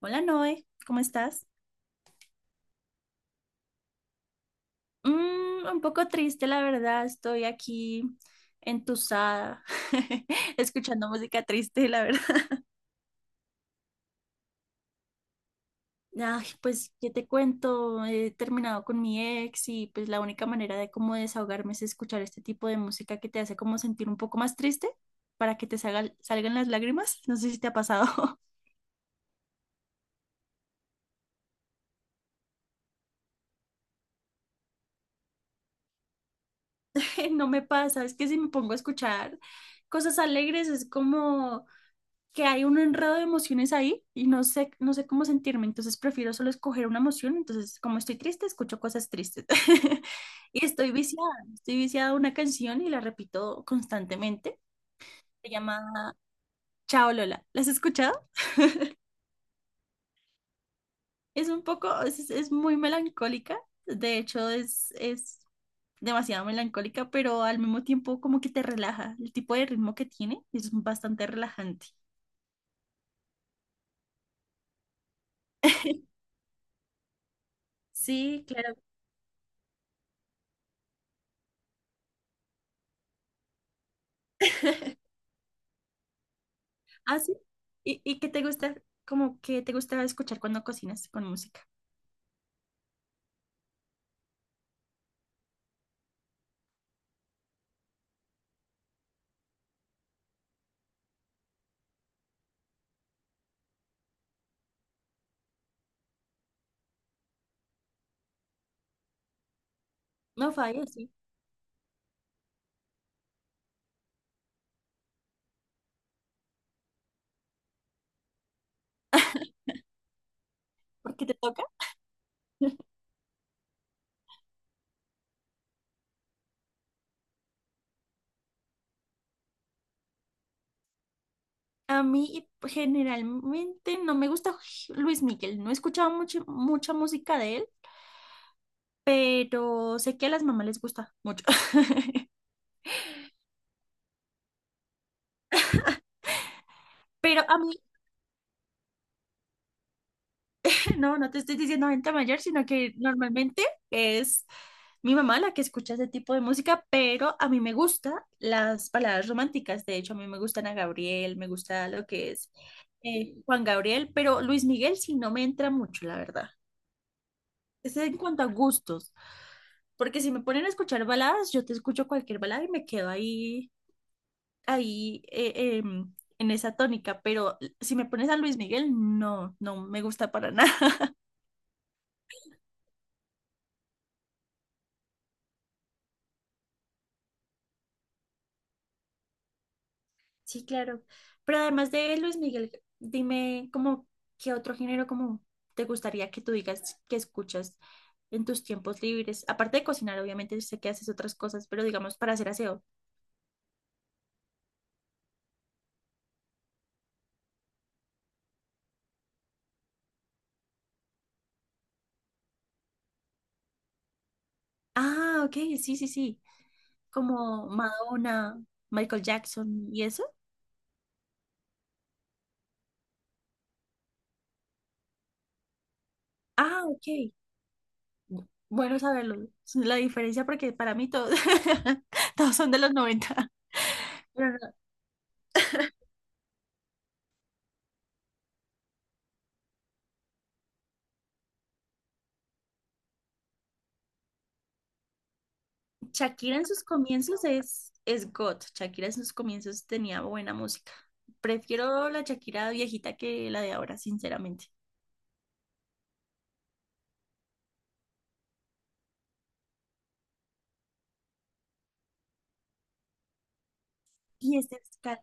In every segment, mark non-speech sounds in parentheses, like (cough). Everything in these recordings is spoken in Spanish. Hola Noé, ¿cómo estás? Mm, un poco triste, la verdad. Estoy aquí entusada, (laughs) escuchando música triste, la verdad. Ay, pues, ¿qué te cuento? He terminado con mi ex y pues la única manera de cómo desahogarme es escuchar este tipo de música que te hace como sentir un poco más triste para que salgan las lágrimas. No sé si te ha pasado. (laughs) No me pasa, es que si me pongo a escuchar cosas alegres es como que hay un enredo de emociones ahí y no sé cómo sentirme, entonces prefiero solo escoger una emoción, entonces como estoy triste, escucho cosas tristes. (laughs) Y estoy viciada a una canción y la repito constantemente, se llama Chao Lola, ¿la has escuchado? Es un poco, es muy melancólica, de hecho es demasiado melancólica, pero al mismo tiempo como que te relaja, el tipo de ritmo que tiene es bastante relajante. Sí, claro. (laughs) Ah, sí. ¿Y qué te gusta, como que te gusta escuchar cuando cocinas con música? No falla, sí. ¿Por qué te toca? A mí generalmente no me gusta Luis Miguel. No he escuchado mucho, mucha música de él, pero sé que a las mamás les gusta mucho. (laughs) Pero a mí no, no te estoy diciendo gente mayor, sino que normalmente es mi mamá la que escucha ese tipo de música, pero a mí me gustan las baladas románticas. De hecho, a mí me gustan a Gabriel, me gusta lo que es Juan Gabriel, pero Luis Miguel sí no me entra mucho, la verdad. Es en cuanto a gustos, porque si me ponen a escuchar baladas, yo te escucho cualquier balada y me quedo ahí, ahí en esa tónica, pero si me pones a Luis Miguel, no, no me gusta para (laughs) nada. Sí, claro. Pero además de Luis Miguel, dime como qué otro género como te gustaría que tú digas que escuchas en tus tiempos libres. Aparte de cocinar, obviamente sé que haces otras cosas, pero digamos para hacer aseo. Ah, ok, sí, sí, sí. Como Madonna, Michael Jackson y eso. Ah, ok. Bueno saberlo. La diferencia porque para mí todos, (laughs) todos son de los noventa. Pero Shakira en sus comienzos es God. Shakira en sus comienzos tenía buena música. Prefiero la Shakira viejita que la de ahora, sinceramente. Y este fiscal.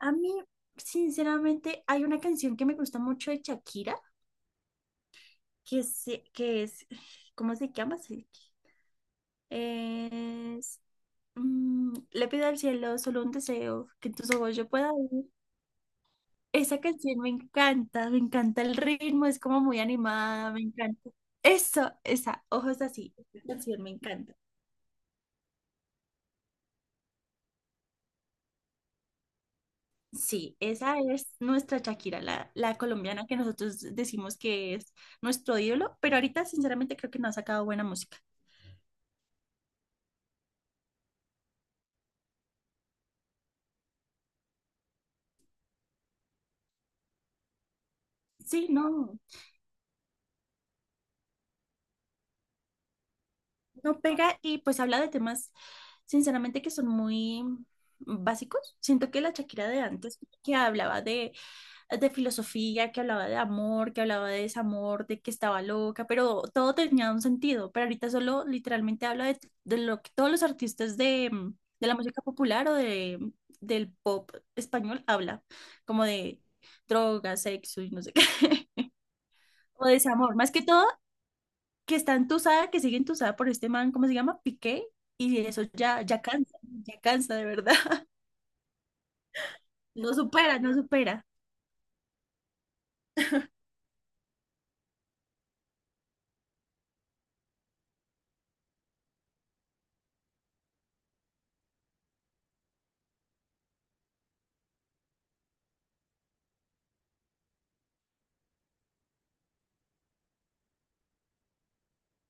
A mí, sinceramente, hay una canción que me gusta mucho de Shakira, que, se, que es, ¿cómo se llama? Es, le pido al cielo solo un deseo, que en tus ojos yo pueda ver. Esa canción me encanta el ritmo, es como muy animada, me encanta. Eso, esa, ojos así, esa canción me encanta. Sí, esa es nuestra Shakira, la colombiana que nosotros decimos que es nuestro ídolo, pero ahorita sinceramente creo que no ha sacado buena música. Sí, no, no pega y pues habla de temas sinceramente que son muy básicos. Siento que la Shakira de antes que hablaba de filosofía, que hablaba de amor, que hablaba de desamor, de que estaba loca, pero todo tenía un sentido. Pero ahorita solo literalmente habla de lo que todos los artistas de, de la música popular o de, del pop español habla, como de drogas, sexo y no sé qué. (laughs) O desamor, más que todo, que está entusada, que sigue entusada por este man, ¿cómo se llama? Piqué, y eso ya, ya cansa de verdad. (laughs) No supera, no supera.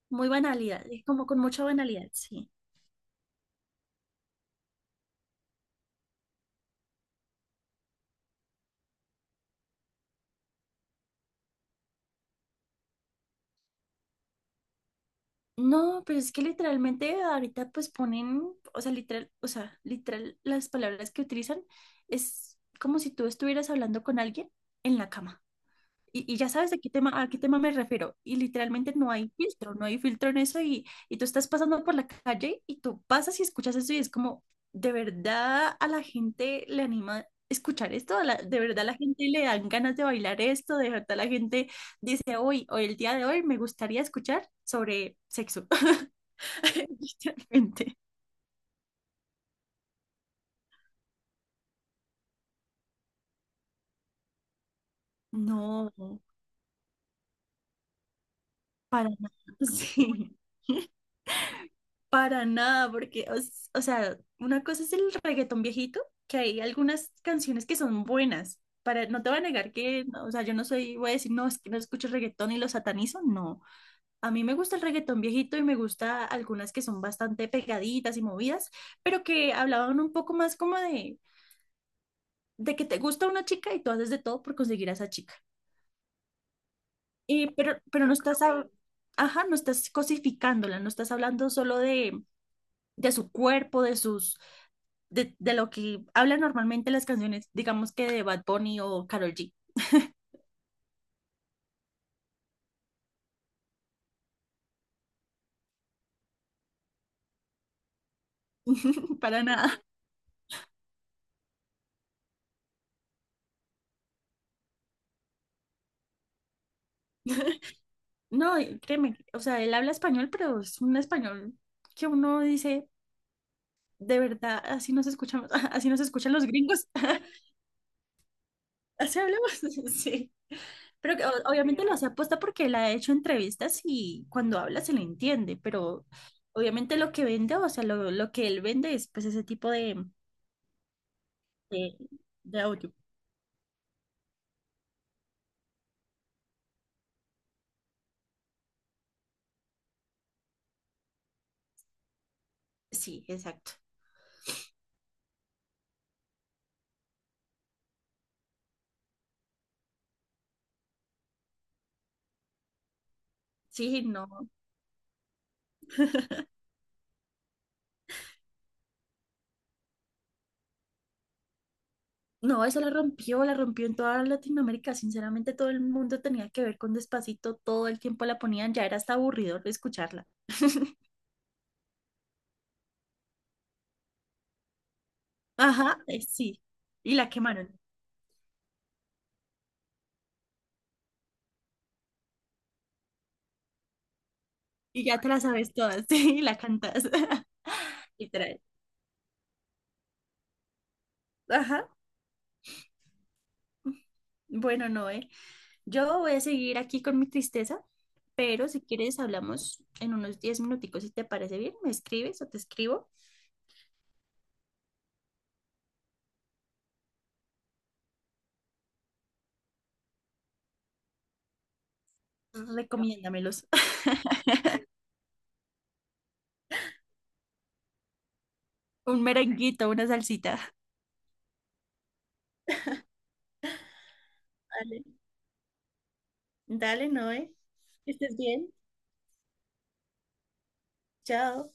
Muy banalidad, es como con mucha banalidad, sí. No, pero es que literalmente ahorita pues ponen, o sea, literal, las palabras que utilizan es como si tú estuvieras hablando con alguien en la cama. Y ya sabes a qué tema me refiero. Y literalmente no hay filtro, no hay filtro en eso. Y tú estás pasando por la calle y tú pasas y escuchas eso y es como, ¿de verdad a la gente le anima escuchar esto? ¿De verdad a la gente le dan ganas de bailar esto? ¿De verdad la gente dice, hoy, hoy el día de hoy me gustaría escuchar sobre sexo? (laughs) Literalmente. No, para nada. (laughs) Sí, para nada, porque, o sea, una cosa es el reggaetón viejito, que hay algunas canciones que son buenas. Para, no te voy a negar que, no, o sea, yo no soy, voy a decir, no, es que no escucho reggaetón y lo satanizo, no. A mí me gusta el reggaetón viejito y me gusta algunas que son bastante pegaditas y movidas, pero que hablaban un poco más como de que te gusta una chica y tú haces de todo por conseguir a esa chica. Pero no estás, ajá, no estás cosificándola, no estás hablando solo de su cuerpo, de sus, de lo que hablan normalmente las canciones, digamos que de Bad Bunny o Karol G, (laughs) para nada. No, y créeme, o sea, él habla español, pero es un español que uno dice, de verdad, así nos escuchamos, (laughs) así nos escuchan los gringos. (laughs) Así hablamos, (laughs) sí. Pero que, obviamente lo hace aposta porque él ha hecho entrevistas y cuando habla se le entiende, pero obviamente lo que vende, o sea, lo que él vende es pues ese tipo de, de audio. Sí, exacto. Sí, no. No, eso la rompió en toda Latinoamérica. Sinceramente, todo el mundo tenía que ver con Despacito, todo el tiempo la ponían, ya era hasta aburrido escucharla. (laughs) Ajá, sí. Y la quemaron. Y ya te la sabes todas, (laughs) sí, y la cantas. (laughs) Literal. Ajá. Bueno, Noé, yo voy a seguir aquí con mi tristeza, pero si quieres hablamos en unos 10 minuticos, si te parece bien, me escribes o te escribo, recomiéndamelos. (laughs) Un merenguito, una salsita. Dale, dale, Noé. Que estés bien. Chao.